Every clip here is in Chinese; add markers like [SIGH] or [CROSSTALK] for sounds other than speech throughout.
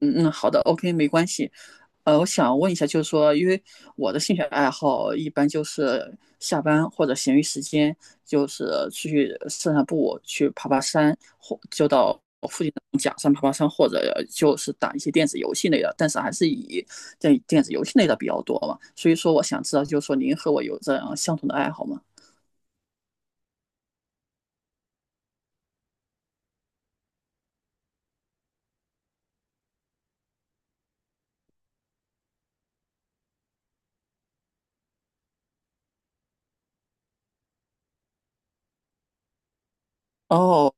嗯嗯，好的，OK，没关系。我想问一下，就是说，因为我的兴趣爱好一般就是下班或者闲余时间，就是出去散散步，去爬爬山，或就到附近的假山爬爬山，或者就是打一些电子游戏类的，但是还是以在电子游戏类的比较多嘛。所以说，我想知道，就是说您和我有这样相同的爱好吗？哦，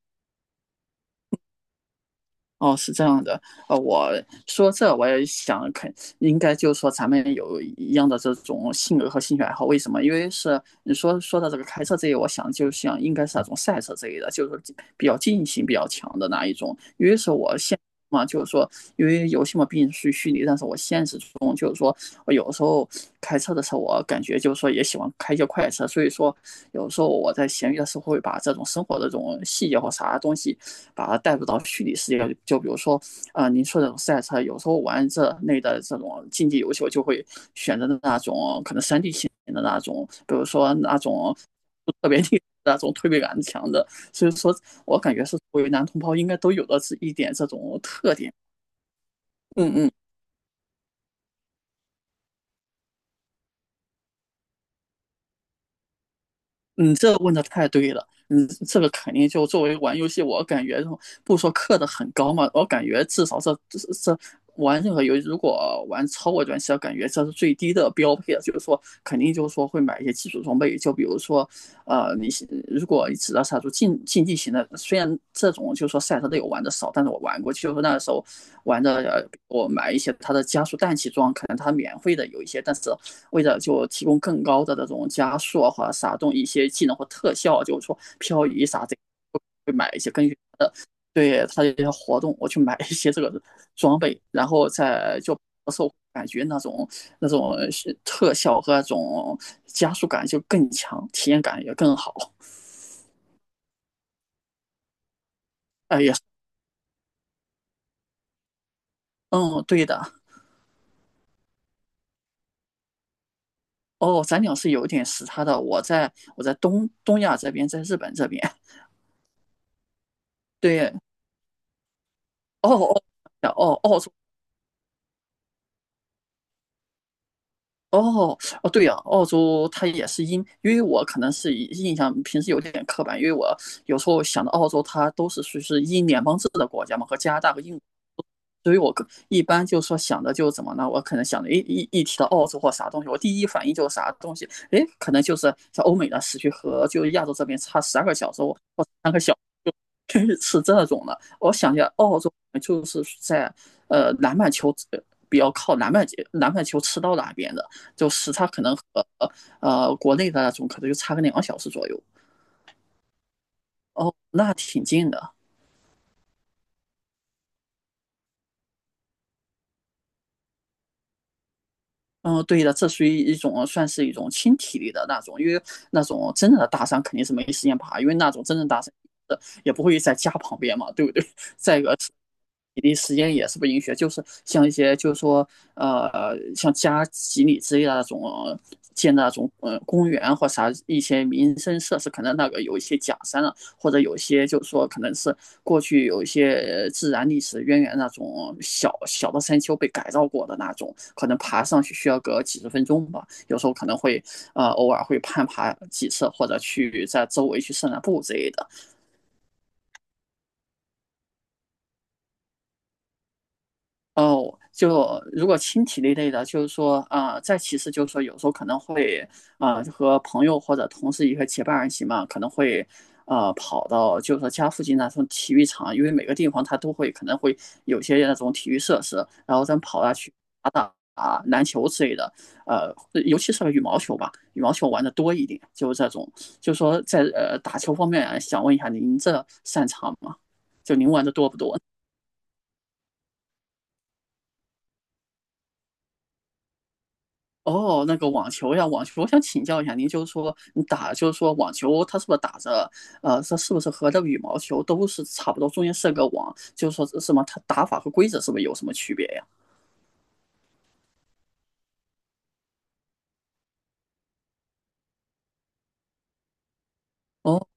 哦，是这样的，我说这我也想肯，应该就是说咱们有一样的这种性格和兴趣爱好，为什么？因为是你说到这个开车这一，我想就像应该是那种赛车这一的，就是说比较竞性比较强的那一种。因为是我现嘛，就是说因为游戏嘛毕竟是虚拟，但是我现实中就是说，我有时候开车的时候，我感觉就是说也喜欢开一些快车，所以说有时候我在闲鱼的时候会把这种生活的这种细节或啥东西。把它带入到虚拟世界。就比如说，啊、您说这种赛车，有时候玩这类的这种竞技游戏，我就会选择的那种可能3D 型的那种，比如说那种特别厉害那种推背感强的。所以说我感觉是作为男同胞应该都有的是一点这种特点。嗯嗯你这问的太对了，这个肯定就作为玩游戏，我感觉不说氪的很高嘛，我感觉至少这玩任何游戏，如果玩超过段期，感觉这是最低的标配了。就是说，肯定就是说会买一些基础装备，就比如说，你如果只要杀出竞技型的，虽然这种就是说赛车类我玩的少，但是我玩过，就是那个时候玩的，我买一些它的加速氮气装，可能它免费的有一些，但是为了就提供更高的这种加速啊，或者撒动一些技能或特效啊，就是说漂移啥这个会买一些根据它的对它的一些活动，我去买一些这个装备，然后再就受感觉那种特效和那种加速感就更强，体验感也更好。嗯，对的。哦，咱俩是有点时差的。我在东亚这边，在日本这边。对，哦哦哦哦，哦哦哦哦，对呀、澳洲它也是因为我可能是印象平时有点刻板，因为我有时候想到澳洲，它都是属于是英联邦制的国家嘛，和加拿大和英国所以我更一般就说想的就怎么呢？我可能想的，诶，一提到澳洲或啥东西，我第一反应就是啥东西，诶，可能就是像欧美的时区和就亚洲这边差12个小时或3个小时确实是这种的。我想一下，澳洲就是在南半球比较靠南半球赤道那边的，就时差可能和国内的那种可能就差个2个小时左右。哦，那挺近的。嗯，对的，这属于一种算是一种轻体力的那种，因为那种真正的大山肯定是没时间爬，因为那种真正大山也不会在家旁边嘛，对不对？[LAUGHS] 在比例实验也是不允许就是像一些就是说像加几里之类的那种建的那种公园或啥一些民生设施，可能那个有一些假山了，啊或者有些就是说可能是过去有一些自然历史渊源那种小小的山丘被改造过的那种，可能爬上去需要个几十分钟吧，有时候可能会偶尔会攀爬几次，或者去在周围去散散步之类的。哦，就如果轻体力类的，就是说，啊，再其次就是说，有时候可能会，啊，就和朋友或者同事一个结伴而行嘛，可能会，跑到就是说家附近那种体育场，因为每个地方它都会可能会有些那种体育设施，然后咱们跑下去打打啊篮球之类的，呃，尤其是羽毛球吧，羽毛球玩的多一点，就是这种，就是说在打球方面啊，想问一下您这擅长吗？就您玩的多不多？哦，那个网球呀，网球，我想请教一下您，就是说你打，就是说网球，它是不是打着，它是不是和这个羽毛球都是差不多，中间设个网，就是说什么，它打法和规则是不是有什么区别呀？哦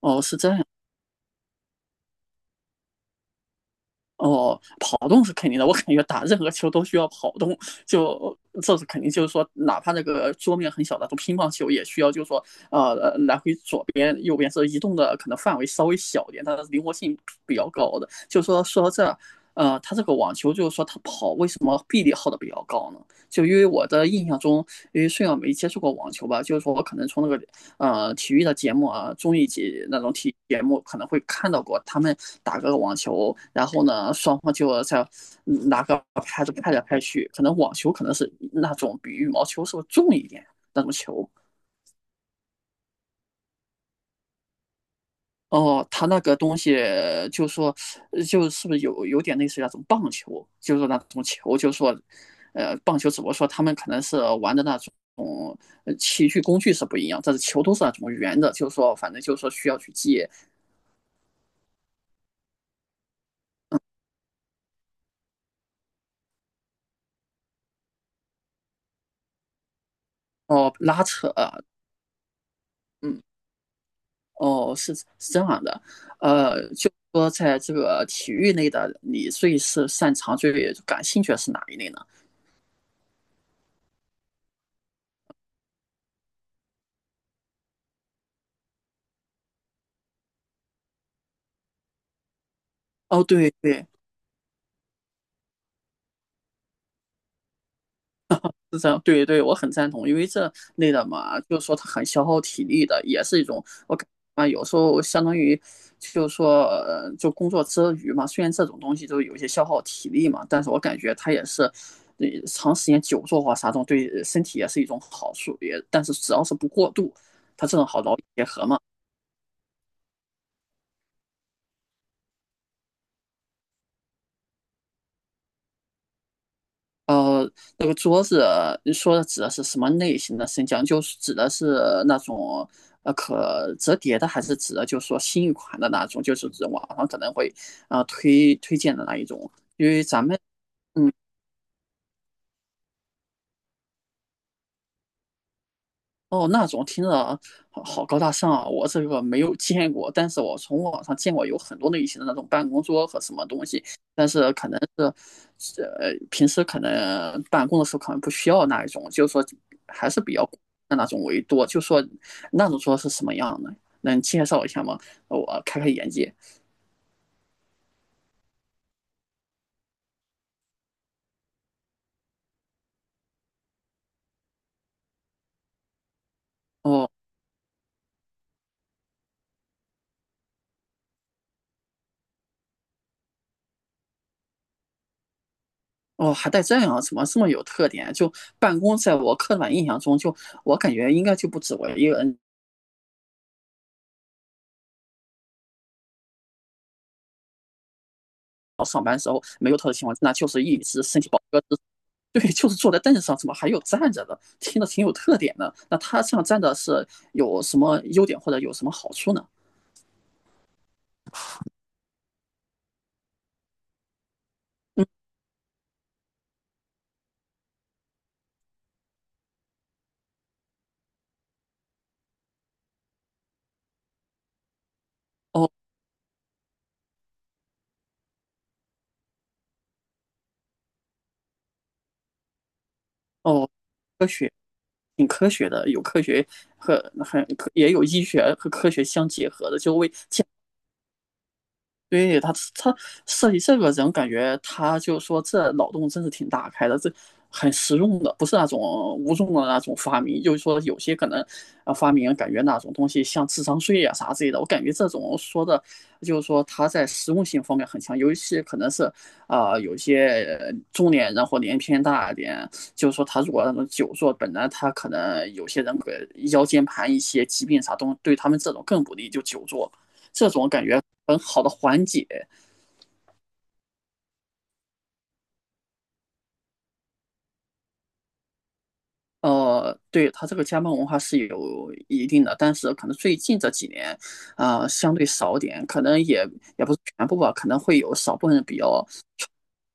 哦，是这样哦，跑动是肯定的，我感觉打任何球都需要跑动，就这是肯定，就是说，哪怕那个桌面很小的，都乒乓球也需要，就是说，呃，来回左边、右边是移动的，可能范围稍微小一点，但是灵活性比较高的。就是说，说到这他这个网球就是说他跑为什么臂力耗的比较高呢？就因为我的印象中，因为虽然没接触过网球吧，就是说我可能从那个体育的节目啊，综艺节那种体育节目可能会看到过，他们打个网球，然后呢双方就在拿个拍子拍来拍去，可能网球可能是那种比羽毛球是不是重一点那种球。哦，他那个东西就说，就是不是有点类似于那种棒球，就是那种球，就是说，棒球只不过说他们可能是玩的那种。器具工具是不一样，但是球都是那种圆的，就是说，反正就是说需要去借哦，拉扯，嗯，哦，是这样的，就说在这个体育类的，你最是擅长、最感兴趣的是哪一类呢？哦，对对，是这样，对对，我很赞同，因为这类的嘛，就是说它很消耗体力的，也是一种我感啊，有时候相当于就是说，就工作之余嘛，虽然这种东西都有一些消耗体力嘛，但是我感觉它也是，长时间久坐或啥这种对身体也是一种好处，也但是只要是不过度，它这种好劳逸结合嘛。呃，那个桌子，你说的指的是什么类型的升降？就是指的是那种可折叠的，还是指的就是说新一款的那种？就是指网上可能会啊、推荐的那一种？因为咱们嗯哦，那种听着好好高大上啊，我这个没有见过，但是我从网上见过有很多类型的那种办公桌和什么东西，但是可能是，平时可能办公的时候可能不需要那一种，就是说还是比较的那种为多，就说那种桌是什么样的，能介绍一下吗？我开开眼界。哦哦，还带这样啊，怎么这么有特点啊？就办公，在我刻板印象中，就我感觉应该就不止我一个人上班时候没有特殊情况，那就是一直身体保个子 [LAUGHS] 对，就是坐在凳子上，怎么还有站着的？听着挺有特点的。那他这样站着是有什么优点或者有什么好处呢？嗯，哦哦，科学挺科学的，有科学和很也有医学和科学相结合的，就为对他设计这个人，感觉他就说这脑洞真是挺大开的，这很实用的，不是那种无用的那种发明。就是说，有些可能啊发明感觉那种东西像智商税啊啥之类的，我感觉这种说的，就是说他在实用性方面很强，尤其是可能是啊、有些中年人或年纪偏大一点，就是说他如果那种久坐，本来他可能有些人个腰间盘一些疾病啥东西，对他们这种更不利，就久坐。这种感觉很好的缓解。对，它这个加班文化是有一定的，但是可能最近这几年，啊、相对少点，可能也不是全部吧，可能会有少部分比较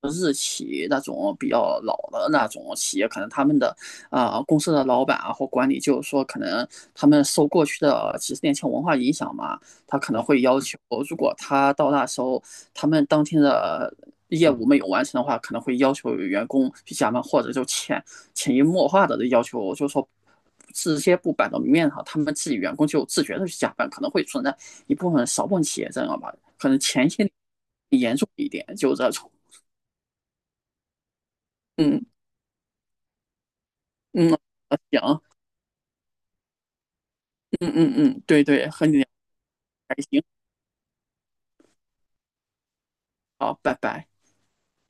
日企那种比较老的那种企业，可能他们的啊、公司的老板啊或管理，就是说可能他们受过去的几十年前文化影响嘛，他可能会要求，如果他到那时候他们当天的业务没有完成的话，可能会要求员工去加班，或者就遣潜移默化的要求，就是说这些不摆到明面上，他们自己员工就自觉的去加班，可能会存在一部分少部分企业这样吧，可能前些严重一点，就这种，嗯嗯，行，嗯嗯嗯，对对，和你聊还行，好，拜拜。